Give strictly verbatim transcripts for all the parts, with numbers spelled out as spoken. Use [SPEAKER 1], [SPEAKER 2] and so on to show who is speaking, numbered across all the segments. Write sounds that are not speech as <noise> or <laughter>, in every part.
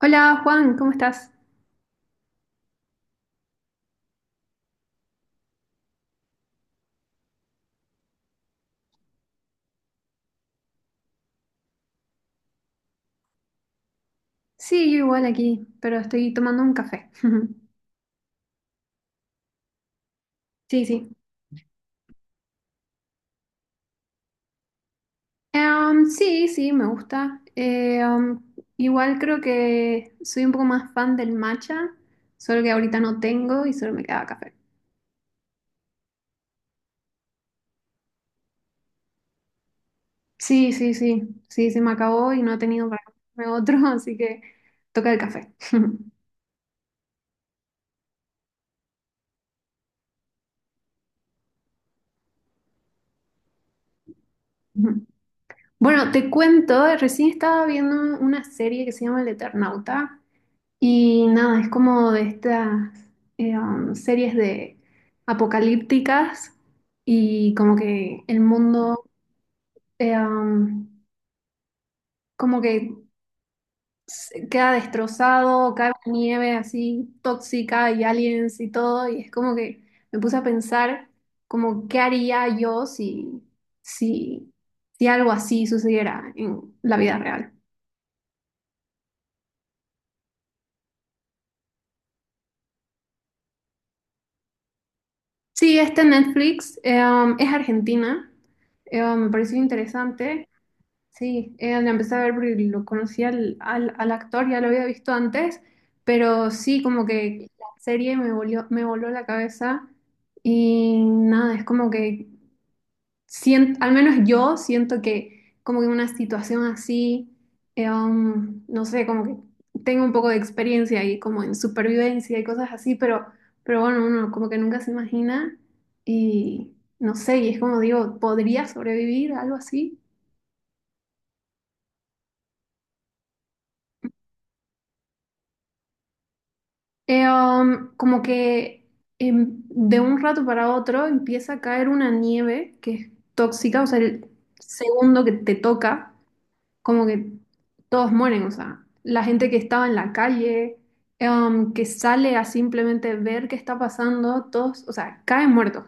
[SPEAKER 1] Hola Juan, ¿cómo estás? Sí, yo igual aquí, pero estoy tomando un café. <laughs> Sí, sí. Em, sí, sí, me gusta. Eh, em, igual creo que soy un poco más fan del matcha, solo que ahorita no tengo y solo me queda café. Sí, sí, sí, sí, se me acabó y no he tenido para comprarme otro, <laughs> así que toca el café. <laughs> Bueno, te cuento, recién estaba viendo una serie que se llama El Eternauta. Y nada, es como de estas eh, um, series de apocalípticas y como que el mundo eh, um, como que se queda destrozado, cae una nieve así tóxica y aliens y todo, y es como que me puse a pensar como qué haría yo si, si, si algo así sucediera en la vida real. Sí, este Netflix, eh, um, es argentina. Eh, um, me pareció interesante. Sí, eh, la empecé a ver porque lo conocí al, al, al actor, ya lo había visto antes, pero sí, como que la serie me volvió, me voló la cabeza y nada, es como que sien- al menos yo siento que como que una situación así, eh, um, no sé, como que tengo un poco de experiencia ahí como en supervivencia y cosas así, pero, pero bueno, uno como que nunca se imagina y no sé, y es como digo, ¿podría sobrevivir a algo así? Eh, um, como que em, de un rato para otro empieza a caer una nieve que es tóxica, o sea, el segundo que te toca, como que todos mueren, o sea, la gente que estaba en la calle, eh, um, que sale a simplemente ver qué está pasando, todos, o sea, caen muertos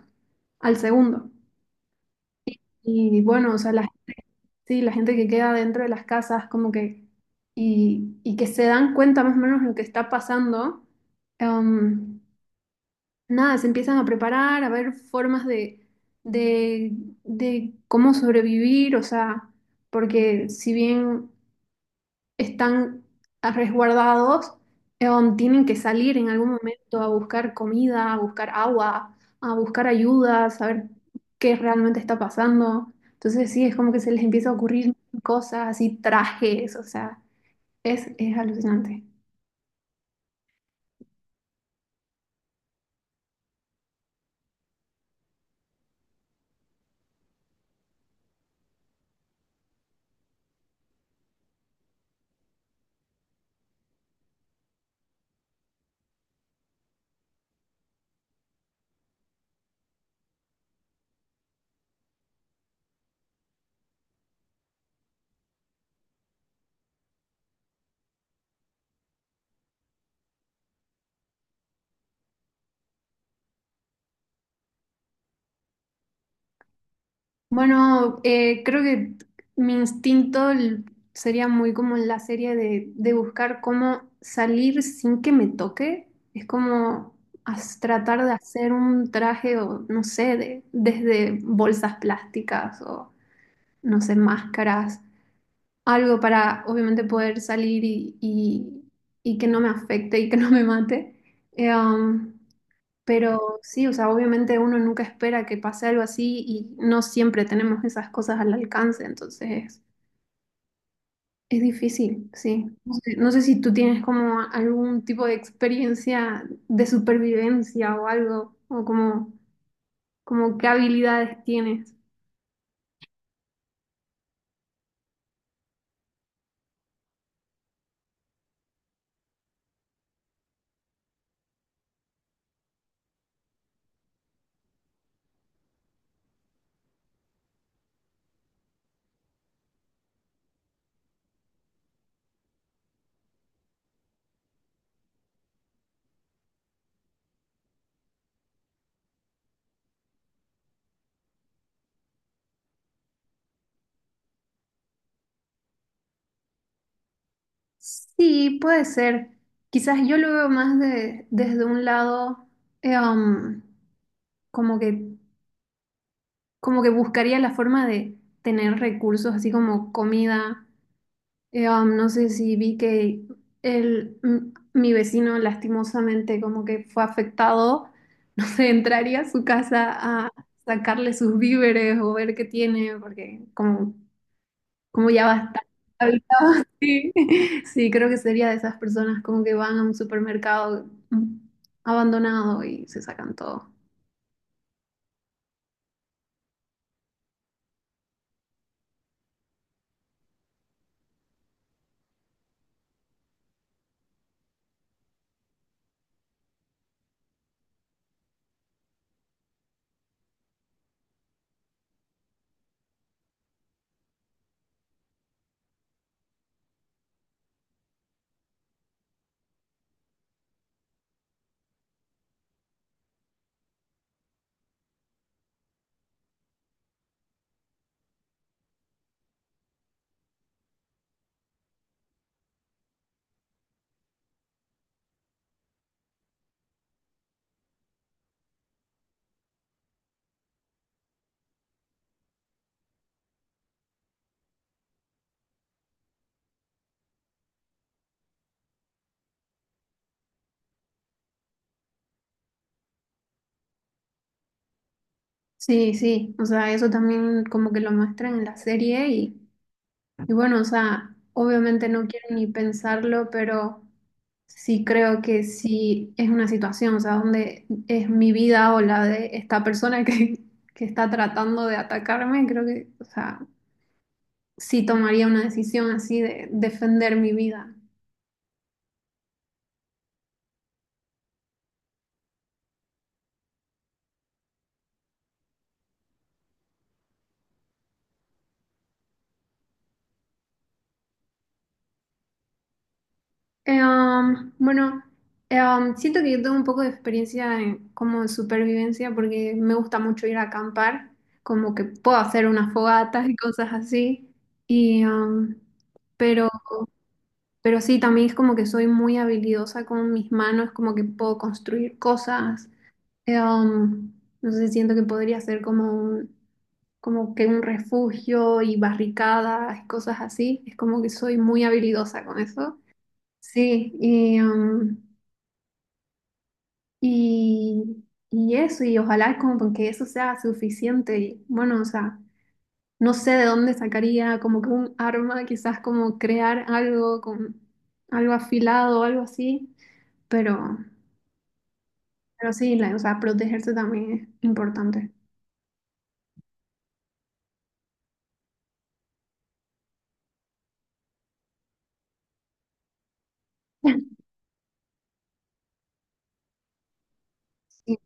[SPEAKER 1] al segundo. Y bueno, o sea, la, sí, la gente que queda dentro de las casas, como que, y, y que se dan cuenta más o menos lo que está pasando. em, Nada, se empiezan a preparar, a ver formas de, de, de cómo sobrevivir, o sea, porque si bien están resguardados, eh, um, tienen que salir en algún momento a buscar comida, a buscar agua, a buscar ayuda, a saber qué realmente está pasando. Entonces sí, es como que se les empieza a ocurrir cosas y trajes, o sea, es, es alucinante. Bueno, eh, creo que mi instinto l- sería muy como en la serie de, de buscar cómo salir sin que me toque. Es como as- tratar de hacer un traje o no sé, de- desde bolsas plásticas o no sé, máscaras, algo para obviamente poder salir y, y- y que no me afecte y que no me mate. Eh, um, pero sí, o sea, obviamente uno nunca espera que pase algo así y no siempre tenemos esas cosas al alcance, entonces es difícil, sí. No sé, no sé si tú tienes como algún tipo de experiencia de supervivencia o algo, o como, como qué habilidades tienes. Sí, puede ser. Quizás yo lo veo más de- desde un lado, eh, um, como que, como que buscaría la forma de tener recursos, así como comida. Eh, um, no sé si vi que el, m- mi vecino lastimosamente como que fue afectado, <laughs> no sé, entraría a su casa a sacarle sus víveres o ver qué tiene, porque como, como ya basta. <laughs> Sí, sí, creo que sería de esas personas como que van a un supermercado, mm, abandonado, y se sacan todo. Sí, sí, o sea, eso también como que lo muestran en la serie. y Y bueno, o sea, obviamente no quiero ni pensarlo, pero sí creo que sí es una situación, o sea, donde es mi vida o la de esta persona <laughs> que, que está tratando de atacarme, creo que, o sea, sí tomaría una decisión así de defender mi vida. Eh, um, bueno, eh, um, siento que yo tengo un poco de experiencia en, como en supervivencia porque me gusta mucho ir a acampar, como que puedo hacer unas fogatas y cosas así. Y, um, pero Pero sí, también es como que soy muy habilidosa con mis manos, como que puedo construir cosas. Eh, um, no sé, siento que podría ser como un, como que un refugio y barricadas, cosas así. Es como que soy muy habilidosa con eso. Sí, y, um, y, y eso, y ojalá como que eso sea suficiente. Y bueno, o sea, no sé de dónde sacaría como que un arma, quizás como crear algo con algo afilado o algo así. Pero, pero sí, la, o sea, protegerse también es importante. Sí,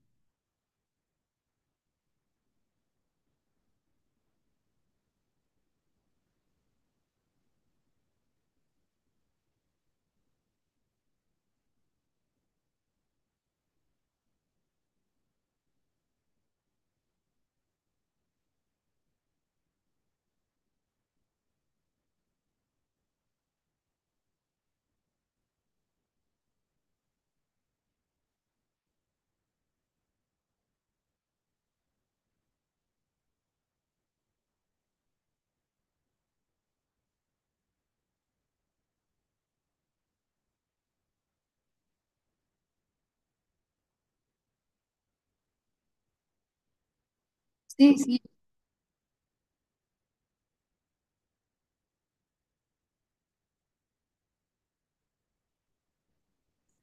[SPEAKER 1] sí, sí,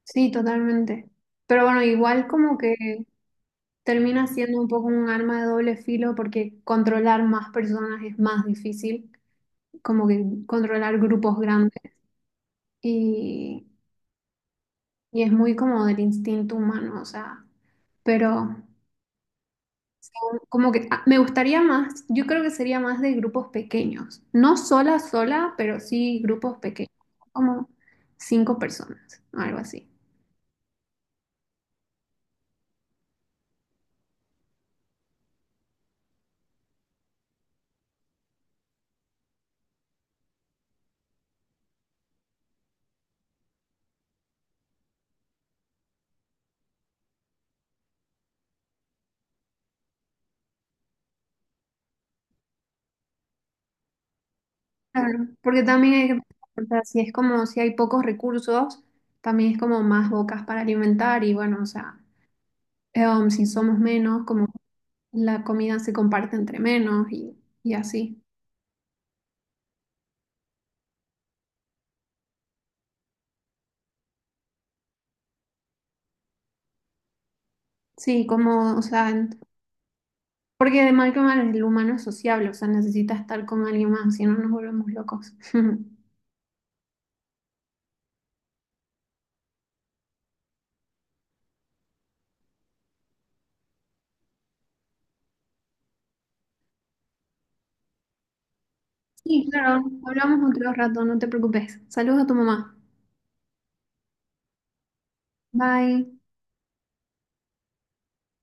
[SPEAKER 1] sí, totalmente. Pero bueno, igual como que termina siendo un poco un arma de doble filo porque controlar más personas es más difícil, como que controlar grupos grandes y, y es muy como del instinto humano, o sea, pero, como que ah, me gustaría más, yo creo que sería más de grupos pequeños, no sola, sola, pero sí grupos pequeños, como cinco personas, o algo así. Claro, porque también hay que pensar, si es como si hay pocos recursos, también es como más bocas para alimentar y bueno, o sea, eh, um, si somos menos, como la comida se comparte entre menos y, y así. Sí, como, o sea, en- porque de mal que mal el humano es sociable, o sea, necesita estar con alguien más, si no nos volvemos locos. <laughs> Sí, claro, hablamos otro rato, no te preocupes. Saludos a tu mamá. Bye.